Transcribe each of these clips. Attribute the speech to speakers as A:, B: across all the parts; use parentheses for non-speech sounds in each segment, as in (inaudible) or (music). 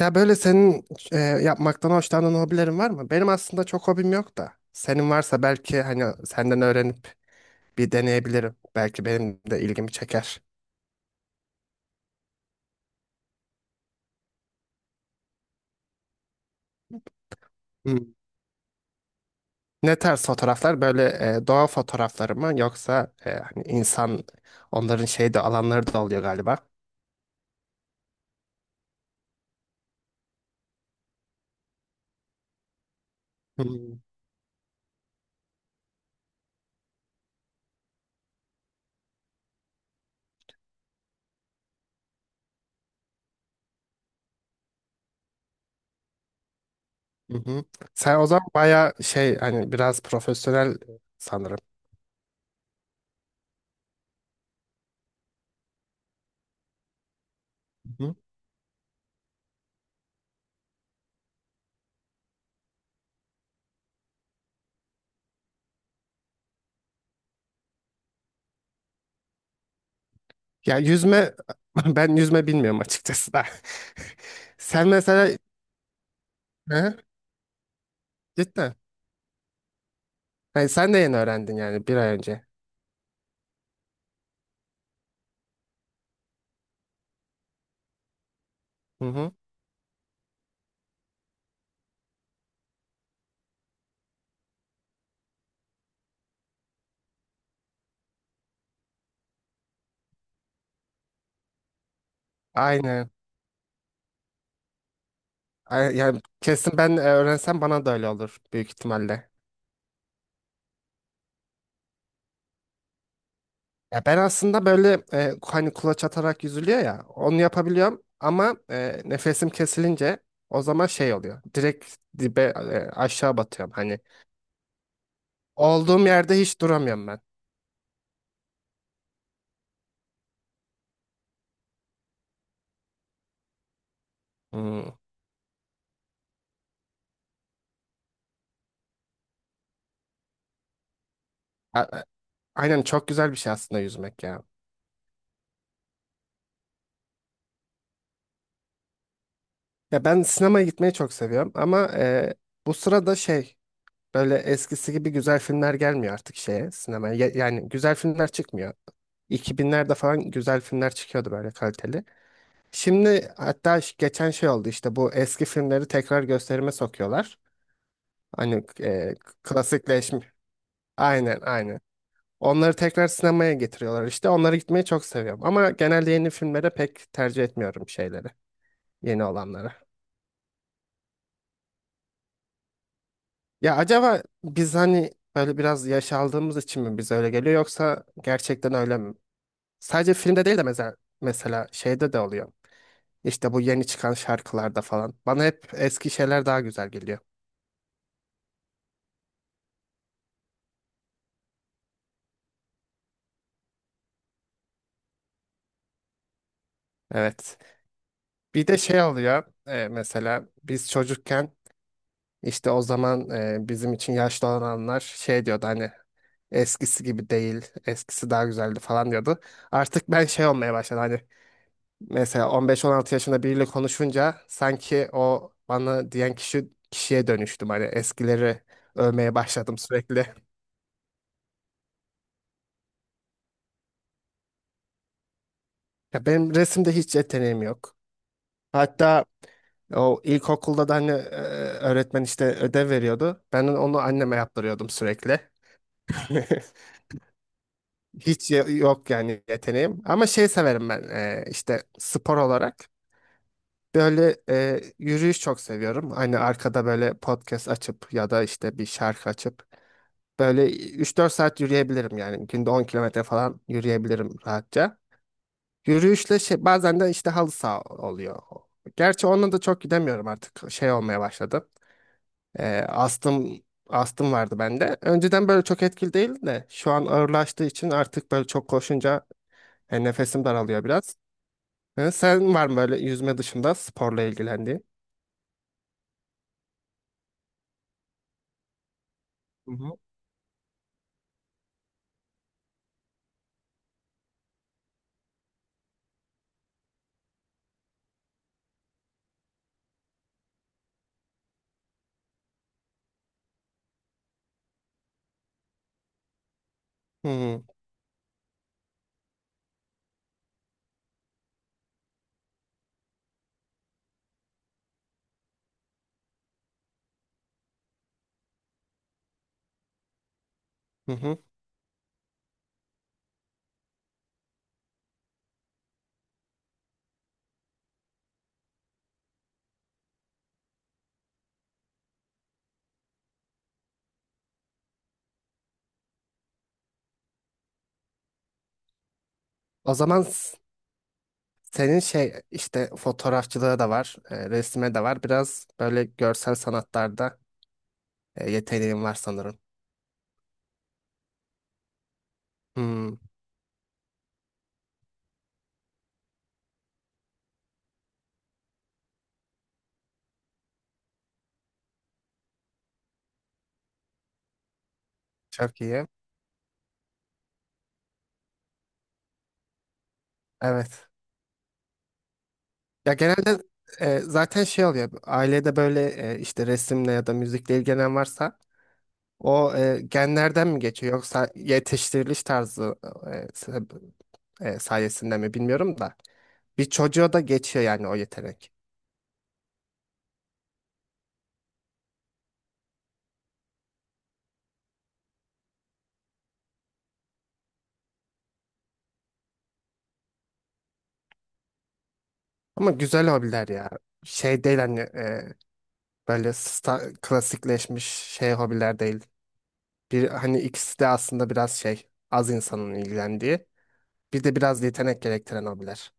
A: Ya böyle senin yapmaktan hoşlandığın hobilerin var mı? Benim aslında çok hobim yok da. Senin varsa belki hani senden öğrenip bir deneyebilirim. Belki benim de ilgimi çeker. Hmm. Ne tarz fotoğraflar? Böyle doğa fotoğrafları mı yoksa hani insan onların şey de alanları da oluyor galiba. Hmm. Hı hı. Sen o zaman bayağı şey hani biraz profesyonel sanırım. Hı. Ya yüzme (laughs) ben yüzme bilmiyorum açıkçası da. (laughs) Sen mesela ne? Cidden. Hayır, sen de yeni öğrendin yani bir ay önce. Hı hı. Aynen. Yani kesin ben öğrensem bana da öyle olur büyük ihtimalle. Ya ben aslında böyle hani kulaç atarak yüzülüyor ya onu yapabiliyorum ama nefesim kesilince o zaman şey oluyor. Direkt dibe aşağı batıyorum hani. Olduğum yerde hiç duramıyorum ben. Hmm. A- a- Aynen çok güzel bir şey aslında yüzmek ya. Ya ben sinemaya gitmeyi çok seviyorum ama bu sırada şey böyle eskisi gibi güzel filmler gelmiyor artık şeye, sinemaya. Yani güzel filmler çıkmıyor. 2000'lerde falan güzel filmler çıkıyordu böyle kaliteli. Şimdi hatta geçen şey oldu işte bu eski filmleri tekrar gösterime sokuyorlar. Hani klasikleşme. Aynen aynen. Onları tekrar sinemaya getiriyorlar işte. Onlara gitmeyi çok seviyorum. Ama genelde yeni filmlere pek tercih etmiyorum şeyleri. Yeni olanları. Ya acaba biz hani böyle biraz yaş aldığımız için mi bize öyle geliyor yoksa gerçekten öyle mi? Sadece filmde değil de mesela şeyde de oluyor. İşte bu yeni çıkan şarkılarda falan. Bana hep eski şeyler daha güzel geliyor. Evet. Bir de şey oluyor mesela biz çocukken işte o zaman bizim için yaşlı olanlar şey diyordu hani eskisi gibi değil, eskisi daha güzeldi falan diyordu. Artık ben şey olmaya başladı hani. Mesela 15-16 yaşında biriyle konuşunca sanki o bana diyen kişiye dönüştüm. Hani eskileri övmeye başladım sürekli. Ya benim resimde hiç yeteneğim yok. Hatta o ilkokulda da hani öğretmen işte ödev veriyordu. Ben onu anneme yaptırıyordum sürekli. (laughs) Hiç yok yani yeteneğim. Ama şey severim ben işte spor olarak. Böyle yürüyüş çok seviyorum. Hani arkada böyle podcast açıp ya da işte bir şarkı açıp böyle 3-4 saat yürüyebilirim yani. Günde 10 kilometre falan yürüyebilirim rahatça. Yürüyüşle şey, bazen de işte halı saha oluyor. Gerçi onunla da çok gidemiyorum artık. Şey olmaya başladı. Ee, astım astım vardı bende. Önceden böyle çok etkili değil de şu an ağırlaştığı için artık böyle çok koşunca nefesim daralıyor biraz. Sen var mı böyle yüzme dışında sporla ilgilendiğin? Hı hı. Hı hı. Hı hı. O zaman senin şey işte fotoğrafçılığı da var, resime de var. Biraz böyle görsel sanatlarda yeteneğin var sanırım. Hmm, çok iyi. Evet. Ya genelde zaten şey oluyor. Ailede böyle işte resimle ya da müzikle ilgilenen varsa o genlerden mi geçiyor yoksa yetiştiriliş tarzı e, sebe- sayesinde mi bilmiyorum da bir çocuğa da geçiyor yani o yetenek. Ama güzel hobiler ya. Şey değil hani böyle klasikleşmiş şey hobiler değil. Bir hani ikisi de aslında biraz şey az insanın ilgilendiği. Bir de biraz yetenek gerektiren hobiler.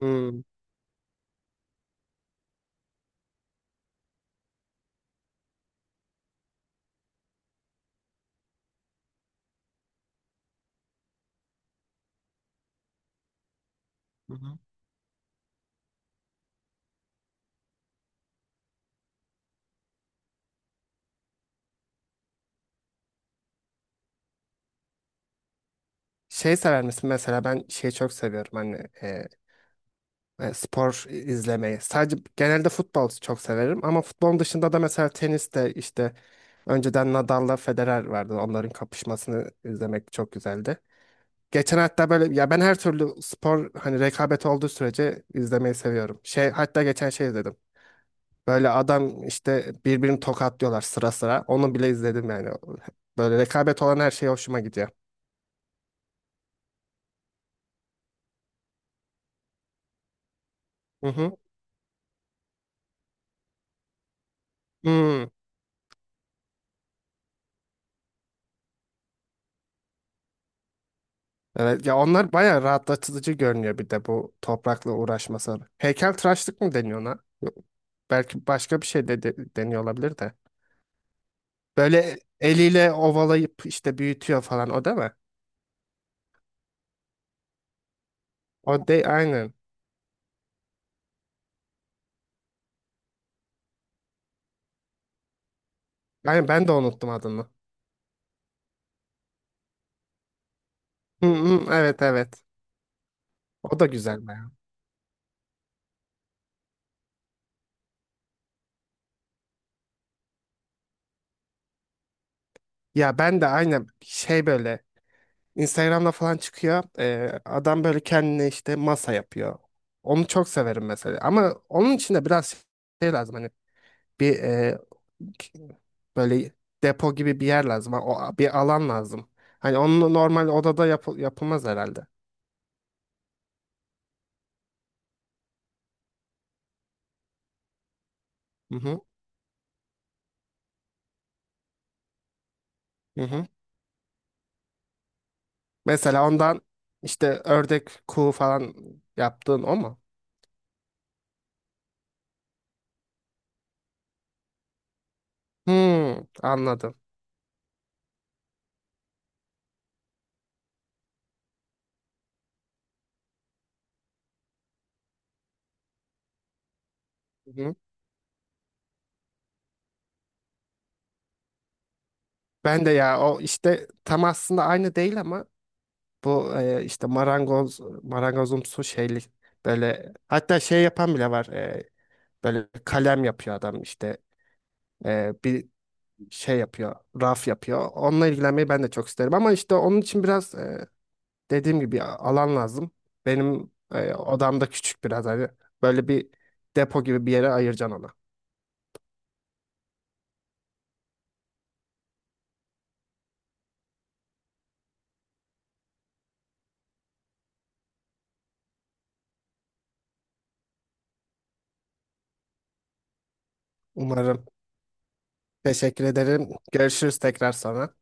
A: Hmm. Şey sever misin? Mesela ben şeyi çok seviyorum hani e, spor izlemeyi. Sadece genelde futbol çok severim ama futbolun dışında da mesela tenis de işte önceden Nadal'la Federer vardı. Onların kapışmasını izlemek çok güzeldi. Geçen hatta böyle ya ben her türlü spor hani rekabet olduğu sürece izlemeyi seviyorum. Şey hatta geçen şey izledim. Böyle adam işte birbirini tokatlıyorlar sıra sıra. Onu bile izledim yani. Böyle rekabet olan her şey hoşuma gidiyor. Hı hı. Hmm. Evet, ya onlar bayağı rahatlatıcı görünüyor bir de bu toprakla uğraşması. Heykeltıraşlık mı deniyor ona? Yok, belki başka bir şey de deniyor olabilir de. Böyle eliyle ovalayıp işte büyütüyor falan o değil mi? O de aynen. Aynen ben de unuttum adını. Hı hı, evet evet. O da güzel be. Ya ben de aynen şey böyle Instagram'da falan çıkıyor. Adam böyle kendine işte masa yapıyor. Onu çok severim mesela. Ama onun için de biraz şey lazım hani bir böyle depo gibi bir yer lazım. Ha, o, bir alan lazım. Hani onu normal odada yapılmaz herhalde. Hı hı. Hı hı. Mesela ondan işte ördek kuğu falan yaptığın o mu? Hmm, anladım. Hı hı. Ben de ya o işte tam aslında aynı değil ama bu işte marangozumsu şeyli böyle hatta şey yapan bile var böyle kalem yapıyor adam işte bir şey yapıyor, raf yapıyor. Onunla ilgilenmeyi ben de çok isterim ama işte onun için biraz dediğim gibi alan lazım. Benim odam da küçük biraz hani böyle bir depo gibi bir yere ayıracaksın ona. Umarım. Teşekkür ederim. Görüşürüz tekrar sonra.